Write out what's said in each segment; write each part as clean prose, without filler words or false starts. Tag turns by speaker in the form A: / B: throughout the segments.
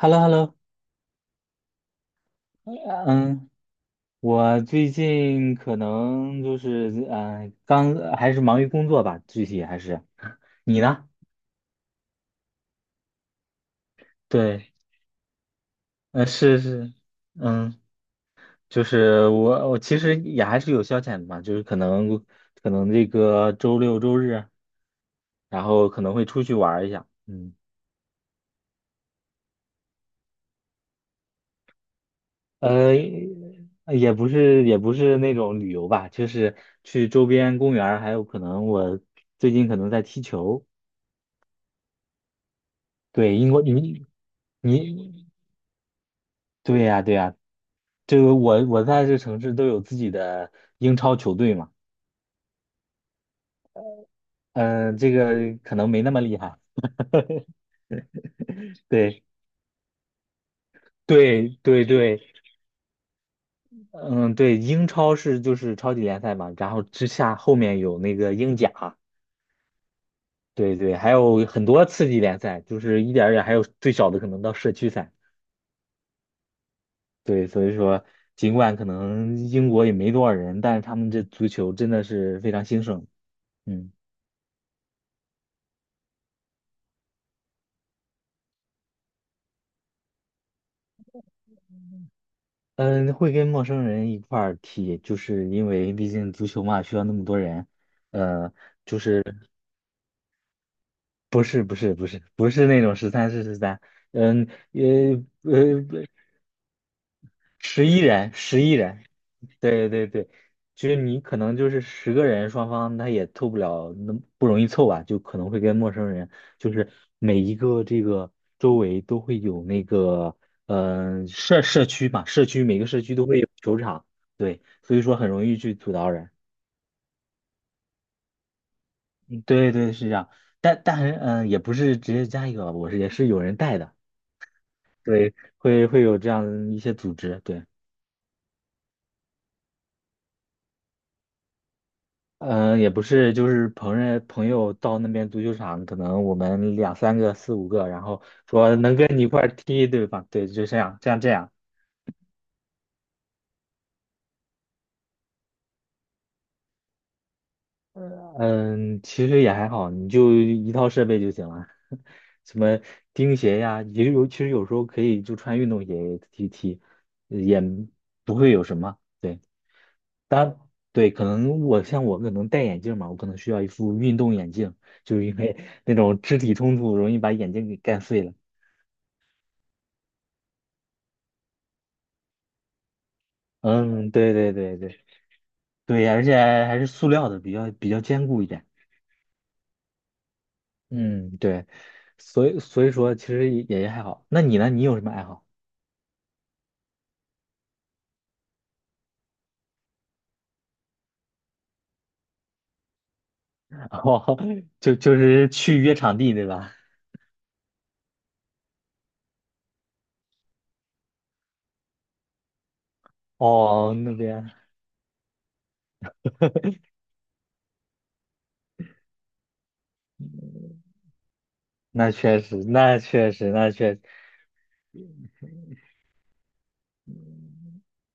A: hello hello 嗯，我最近可能就是刚还是忙于工作吧，具体还是你呢？对，是是，嗯，就是我其实也还是有消遣的嘛，就是可能这个周六周日，然后可能会出去玩儿一下，嗯，呃，也不是那种旅游吧，就是去周边公园儿还有可能我最近可能在踢球。对，英国，你对呀对呀，这个我在这城市都有自己的英超球队嘛，嗯、这个可能没那么厉害，对对对对，嗯对，英超是就是超级联赛嘛，然后之下后面有那个英甲，对对，还有很多次级联赛，就是一点儿一点儿，还有最小的可能到社区赛，对，所以说尽管可能英国也没多少人，但是他们这足球真的是非常兴盛，嗯。嗯，会跟陌生人一块儿踢，就是因为毕竟足球嘛，需要那么多人。呃，不是，不是，不是，不是那种十三是十三，嗯，呃，十一人，十一人，对对对，就是你可能就是十个人，双方他也凑不了，那不容易凑吧，就可能会跟陌生人，就是每一个这个周围都会有那个，社区嘛，社区每个社区都会有球场，对，所以说很容易去阻挠人。对对是这样，但是也不是直接加一个吧我是也是有人带的，对，会有这样一些组织，对，嗯、也不是就是朋友到那边足球场，可能我们两三个四五个，然后说能跟你一块儿踢，对吧？对，就这样这样这样，嗯、其实也还好，你就一套设备就行了，什么钉鞋呀，也有其实有时候可以就穿运动鞋踢踢，也不会有什么，对。当然对，可能我像我可能戴眼镜嘛，我可能需要一副运动眼镜，就是因为那种肢体冲突容易把眼镜给干碎了。嗯，对对对对对，而且还是塑料的，比较坚固一点。嗯，对，所以说其实也还好。那你呢？你有什么爱好？哦，就是去约场地对吧？哦，那边那确实，那确实，那确实，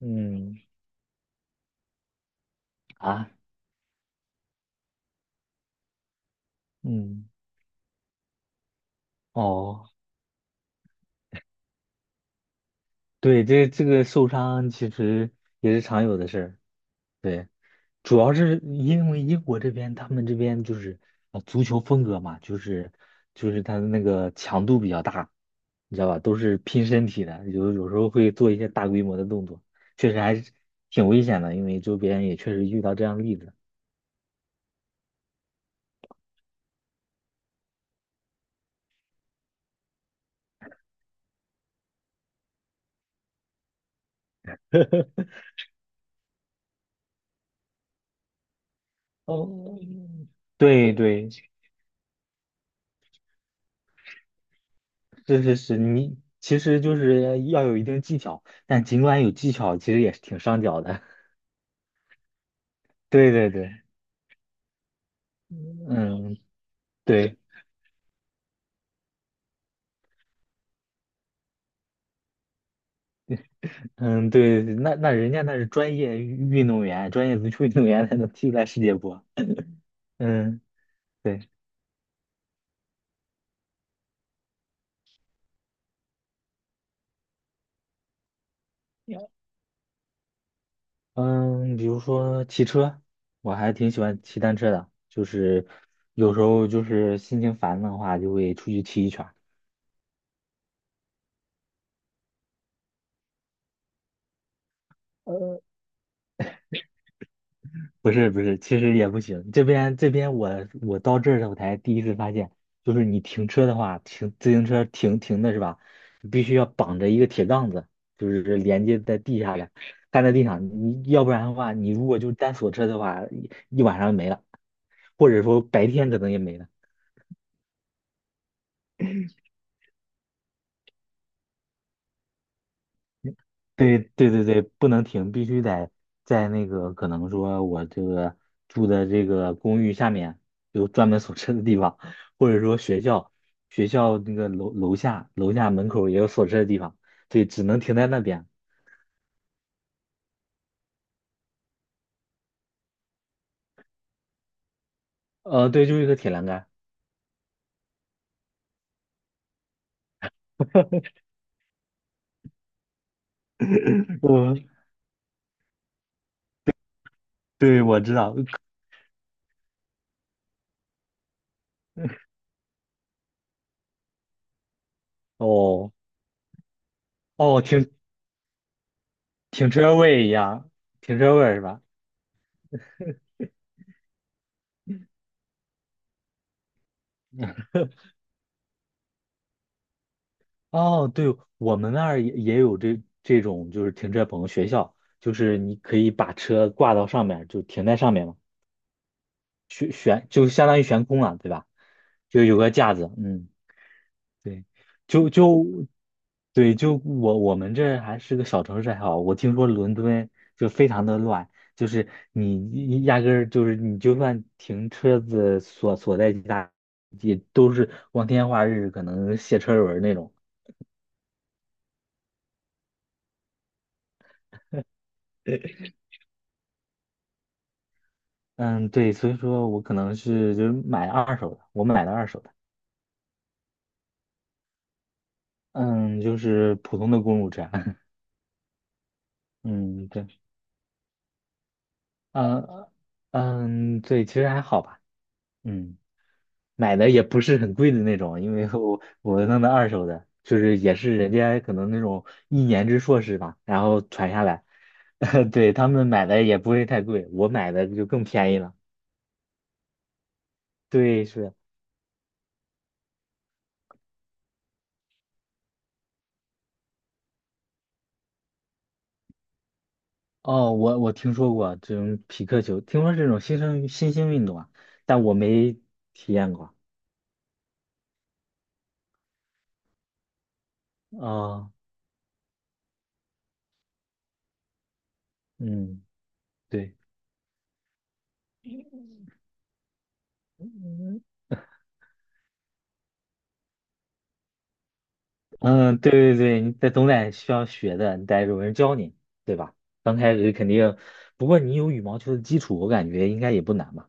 A: 嗯啊，嗯哦。对，这个受伤其实也是常有的事儿。对，主要是因为英国这边，他们这边就是啊，足球风格嘛，就是他的那个强度比较大，你知道吧？都是拼身体的，有时候会做一些大规模的动作，确实还是挺危险的，因为周边也确实遇到这样的例子。哦，对对，是是是，你其实就是要有一定技巧，但尽管有技巧，其实也是挺伤脚的。对对对，嗯。对，嗯，对，那人家那是专业运动员，专业足球运动员才能踢出来世界波。嗯，对，嗯，比如说骑车，我还挺喜欢骑单车的，就是有时候就是心情烦的话，就会出去骑一圈。不是不是，其实也不行。这边我到这儿我才第一次发现，就是你停车的话，停自行车停停的是吧？你必须要绑着一个铁杠子，就是连接在地下的，干在地上。你要不然的话，你如果就单锁车的话，一晚上没了，或者说白天可能也没了。对对对对，不能停，必须得在那个可能说我这个住的这个公寓下面有专门 锁车的地方，或者说学校那个楼下门口也有锁车的地方，对，只能停在那边。对，就是一个铁栏杆。我对，我知道。哦哦，停车位一样，停车位是吧？哦，对，我们那儿也有这种，就是停车棚学校，就是你可以把车挂到上面，就停在上面嘛，就相当于悬空了，对吧？就有个架子，嗯，对，就对，就我们这还是个小城市还好，我听说伦敦就非常的乱，就是你压根儿就是你就算停车子所在地大，也都是光天化日，可能卸车轮儿那种。嗯，对，所以说我可能是就是买二手的，我买的二手的，嗯，就是普通的公路车，嗯，对，呃，嗯，对，其实还好吧，嗯，买的也不是很贵的那种，因为我弄的二手的，就是也是人家可能那种一年制硕士吧，然后传下来，对，他们买的也不会太贵，我买的就更便宜了，对，是的。哦，我听说过这种匹克球，听说这种新兴运动啊，但我没体验过。啊，嗯，对，嗯，嗯对对对，你得总得需要学的，你得有人教你，对吧？刚开始肯定，不过你有羽毛球的基础，我感觉应该也不难吧。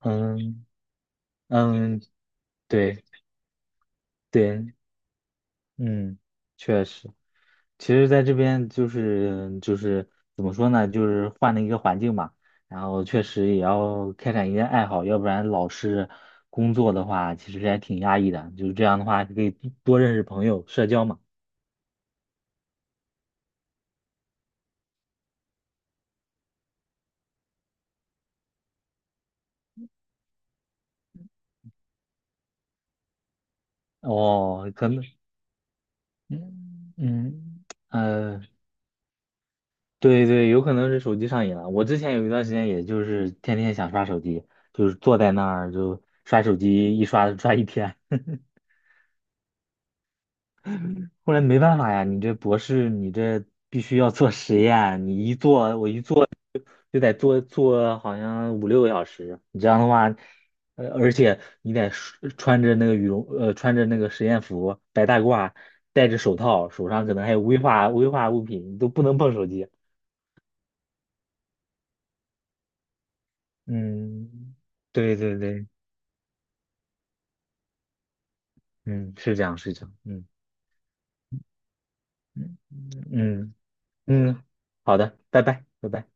A: 嗯嗯，对对，嗯，确实。其实在这边就是怎么说呢，就是换了一个环境嘛，然后确实也要开展一些爱好，要不然老是工作的话，其实还挺压抑的。就是这样的话，可以多认识朋友，社交嘛。哦，可能，嗯嗯，呃，对对，有可能是手机上瘾了。我之前有一段时间，也就是天天想刷手机，就是坐在那儿就刷手机，一刷刷一天。后来没办法呀，你这博士，你这必须要做实验，你一做，我一做就得做好像五六个小时，你这样的话，而且你得穿着那个羽绒，穿着那个实验服，白大褂，戴着手套，手上可能还有危化物品，你都不能碰手机。嗯，对对对，嗯，是这样，是这样，嗯嗯嗯嗯，好的，拜拜，拜拜。